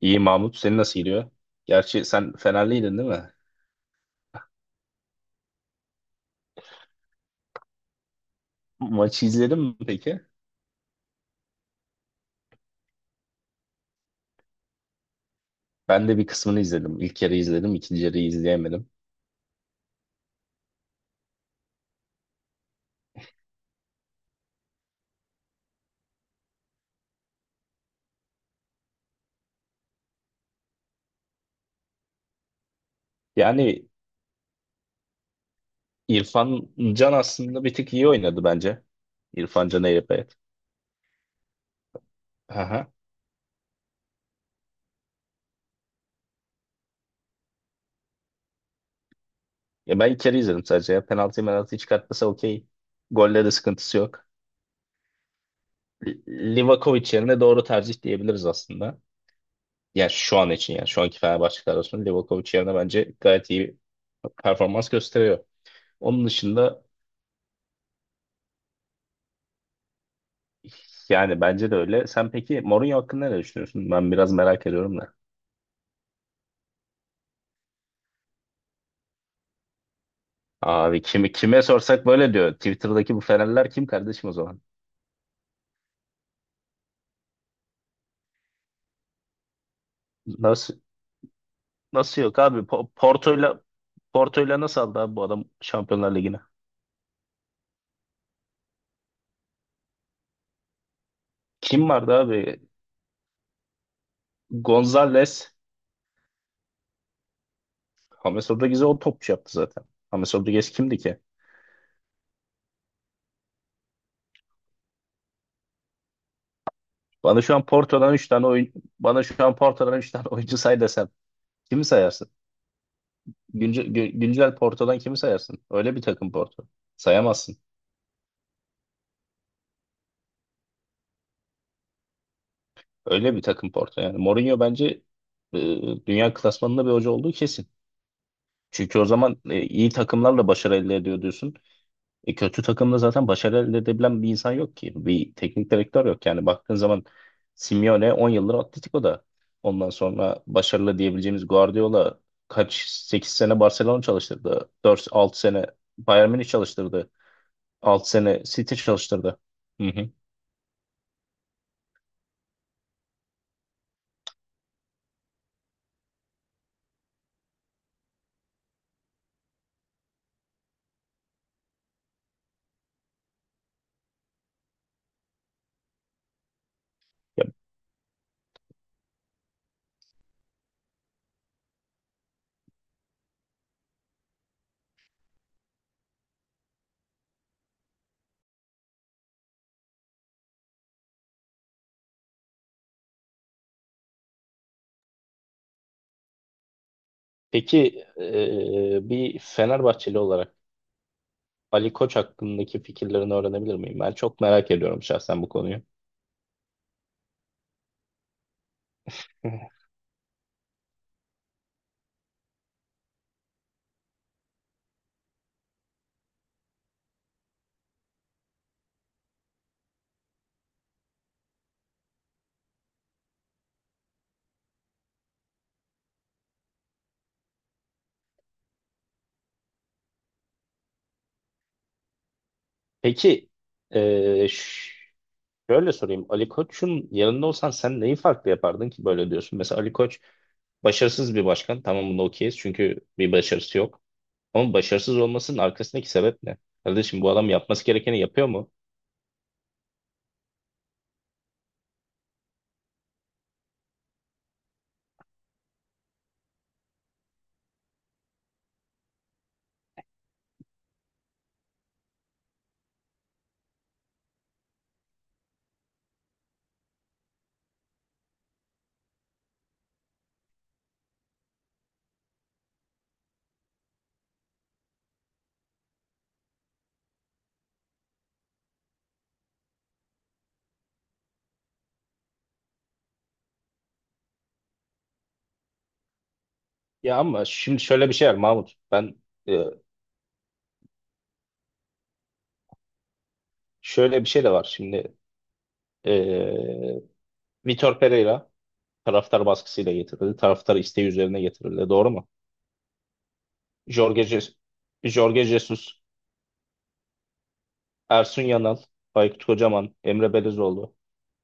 İyi Mahmut, seni nasıl gidiyor? Gerçi sen Fenerliydin değil mi? Maçı izledin mi peki? Ben de bir kısmını izledim. İlk yarı izledim, ikinci yarıyı izleyemedim. Yani İrfan Can aslında bir tık iyi oynadı bence. İrfan Can Eyrepeyat. Aha. Ya ben ilk yarı izledim sadece. Ya penaltıyı çıkartmasa okey. Golle de sıkıntısı yok. Li- Livakovic yerine doğru tercih diyebiliriz aslında. Yani şu an için yani şu anki Fenerbahçe kadrosunda Livakovic yerine bence gayet iyi performans gösteriyor. Onun dışında. Yani bence de öyle. Sen peki Mourinho hakkında ne düşünüyorsun? Ben biraz merak ediyorum da. Abi kimi kime sorsak böyle diyor. Twitter'daki bu Fenerler kim kardeşim o zaman? Nasıl nasıl yok abi? Porto'yla nasıl aldı abi bu adam Şampiyonlar Ligi'ne? Kim vardı abi? Gonzalez. James Rodriguez'e o topçu yaptı zaten. James Rodriguez kimdi ki? Bana şu an Porto'dan 3 tane oyun Bana şu an Porto'dan 3 tane oyuncu say desem kimi sayarsın? Güncel, güncel Porto'dan kimi sayarsın? Öyle bir takım Porto. Sayamazsın. Öyle bir takım Porto yani. Mourinho bence e, dünya klasmanında bir hoca olduğu kesin. Çünkü o zaman iyi takımlarla başarı elde ediyor diyorsun. E, kötü takımda zaten başarı elde edebilen bir insan yok ki. Bir teknik direktör yok. Yani baktığın zaman Simeone 10 yıldır Atletico'da. Ondan sonra başarılı diyebileceğimiz Guardiola 8 sene Barcelona çalıştırdı. 6 sene Bayern Münih çalıştırdı. 6 sene City çalıştırdı. Hı hı. Ya, peki bir Fenerbahçeli olarak Ali Koç hakkındaki fikirlerini öğrenebilir miyim? Ben çok merak ediyorum şahsen bu konuyu. Peki eee, ş- şöyle sorayım. Ali Koç'un yanında olsan sen neyi farklı yapardın ki böyle diyorsun? Mesela Ali Koç başarısız bir başkan. Tamam bunu okeyiz çünkü bir başarısı yok. Ama başarısız olmasının arkasındaki sebep ne? Kardeşim bu adam yapması gerekeni yapıyor mu? Ya ama şimdi şöyle bir şey var Mahmut. Ben eee, Şöyle bir şey de var. Şimdi eee Vitor Pereira taraftar baskısıyla getirildi. Taraftar isteği üzerine getirildi. Doğru mu? Jorge, Je- Jorge Jesus, Ersun Yanal, Aykut Kocaman, Emre Belezoğlu,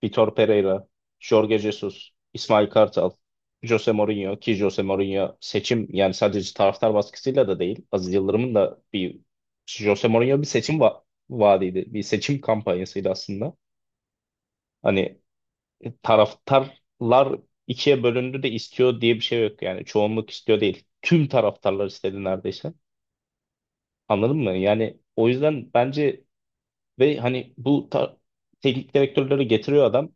Vitor Pereira, Jorge Jesus, İsmail Kartal, Jose Mourinho ki Jose Mourinho seçim yani sadece taraftar baskısıyla da değil. Aziz Yıldırım'ın da bir Jose Mourinho bir seçim vaadiydi. Bir seçim kampanyasıydı aslında. Hani taraftarlar ikiye bölündü de istiyor diye bir şey yok yani çoğunluk istiyor değil. Tüm taraftarlar istedi neredeyse. Anladın mı? Yani o yüzden bence ve hani teknik direktörleri getiriyor adam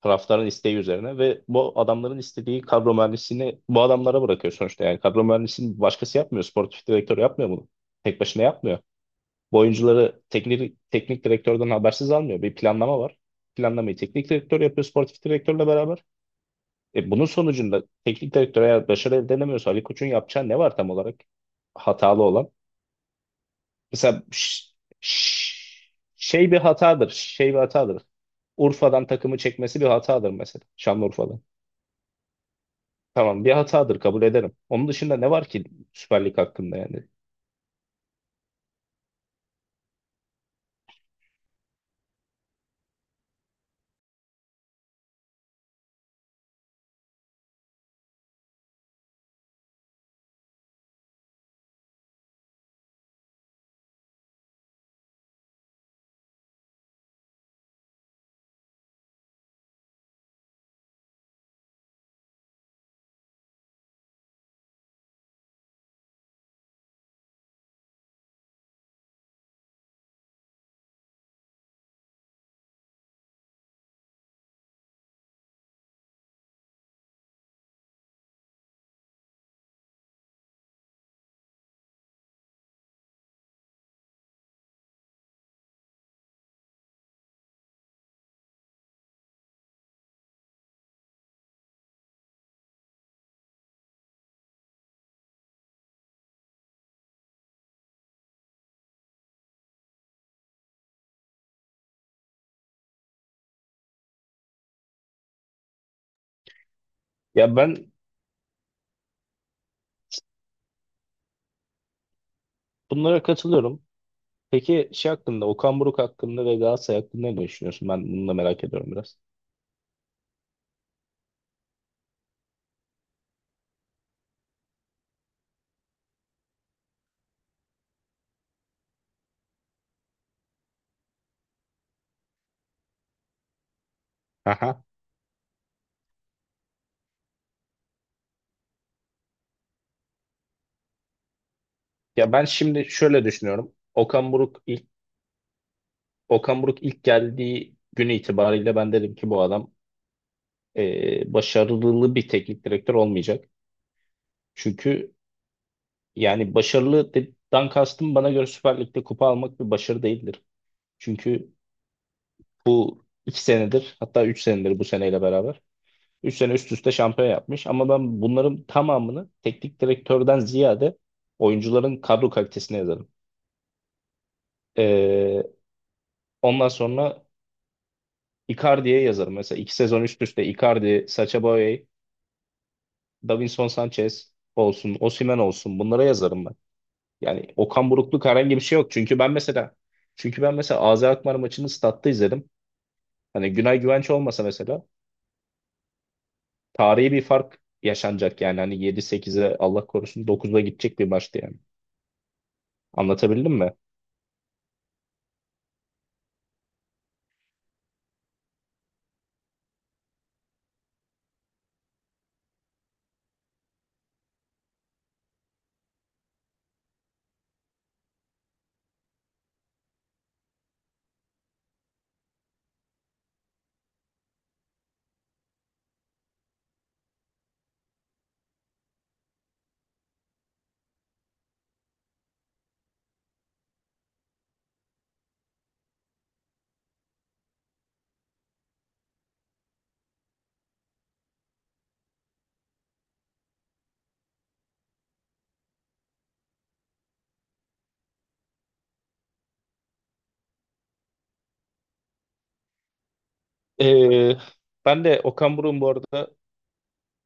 taraftarın isteği üzerine ve bu adamların istediği kadro mühendisliğini bu adamlara bırakıyor sonuçta. Yani kadro mühendisliğini başkası yapmıyor. Sportif direktör yapmıyor bunu. Tek başına yapmıyor. Bu oyuncuları teknik direktörden habersiz almıyor. Bir planlama var. Planlamayı teknik direktör yapıyor sportif direktörle beraber. E, bunun sonucunda teknik direktör eğer başarı elde edemiyorsa Ali Koç'un yapacağı ne var tam olarak hatalı olan? Mesela ş- şey bir hatadır, şey bir hatadır. Urfa'dan takımı çekmesi bir hatadır mesela. Şanlıurfa'dan. Tamam bir hatadır kabul ederim. Onun dışında ne var ki Süper Lig hakkında yani? Ya ben bunlara katılıyorum. Peki şey hakkında, Okan Buruk hakkında ve Galatasaray hakkında ne düşünüyorsun? Ben bunu da merak ediyorum biraz. Aha. Ya ben şimdi şöyle düşünüyorum. Okan Buruk ilk geldiği günü itibariyle ben dedim ki bu adam başarılı bir teknik direktör olmayacak. Çünkü yani başarılı dan kastım bana göre Süper Lig'de kupa almak bir başarı değildir. Çünkü bu 2 senedir hatta 3 senedir bu seneyle beraber 3 sene üst üste şampiyon yapmış. Ama ben bunların tamamını teknik direktörden ziyade oyuncuların kadro kalitesine yazarım. E, Ondan sonra Icardi'ye yazarım. Mesela 2 sezon üst üste Icardi, Sacha Boey, Davinson Sanchez olsun, Osimhen olsun bunlara yazarım ben. Yani Okan Burukluk herhangi bir şey yok. Çünkü ben mesela AZ Alkmaar maçını statta izledim. Hani Günay Güvenç olmasa mesela tarihi bir fark yaşanacak yani. Hani yedi sekize Allah korusun 9'a gidecek bir maçtı yani. Anlatabildim mi? Ee, Ben de Okan Buruk'un bu arada,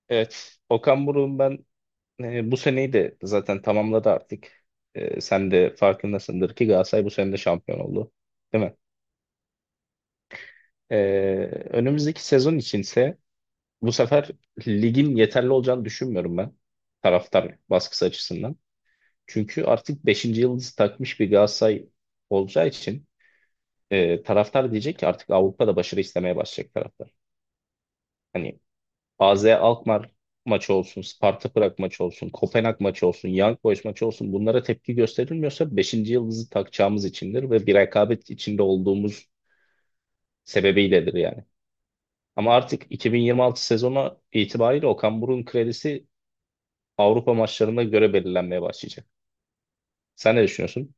evet, Okan Buruk'un bu seneyi de zaten tamamladı artık. Sen de farkındasındır ki Galatasaray bu sene de şampiyon oldu. Değil mi? Ee, Önümüzdeki sezon içinse bu sefer ligin yeterli olacağını düşünmüyorum ben taraftar baskısı açısından. Çünkü artık beşinci yıldızı takmış bir Galatasaray olacağı için taraftar diyecek ki artık Avrupa'da başarı istemeye başlayacak taraftar. Hani AZ Alkmaar maçı olsun, Sparta Prag maçı olsun, Kopenhag maçı olsun, Young Boys maçı olsun bunlara tepki gösterilmiyorsa beşinci yıldızı takacağımız içindir ve bir rekabet içinde olduğumuz sebebiyledir yani. Ama artık 2026 sezonu itibariyle Okan Buruk'un kredisi Avrupa maçlarına göre belirlenmeye başlayacak. Sen ne düşünüyorsun?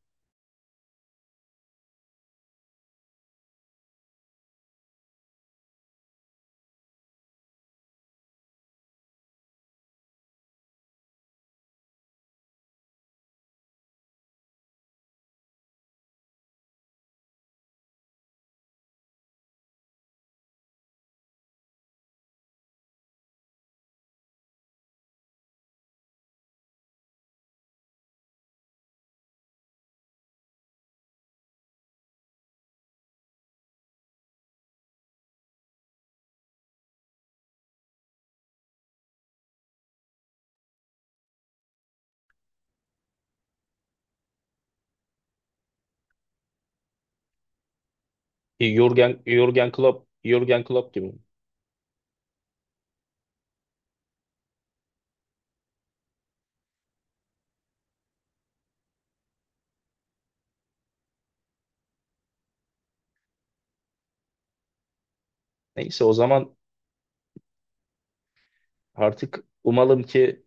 Jürgen Klopp gibi mi? Neyse o zaman artık umalım ki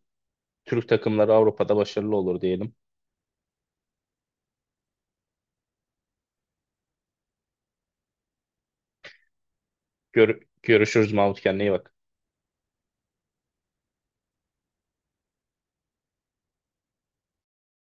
Türk takımları Avrupa'da başarılı olur diyelim. Görüşürüz Mahmut, kendine iyi bak.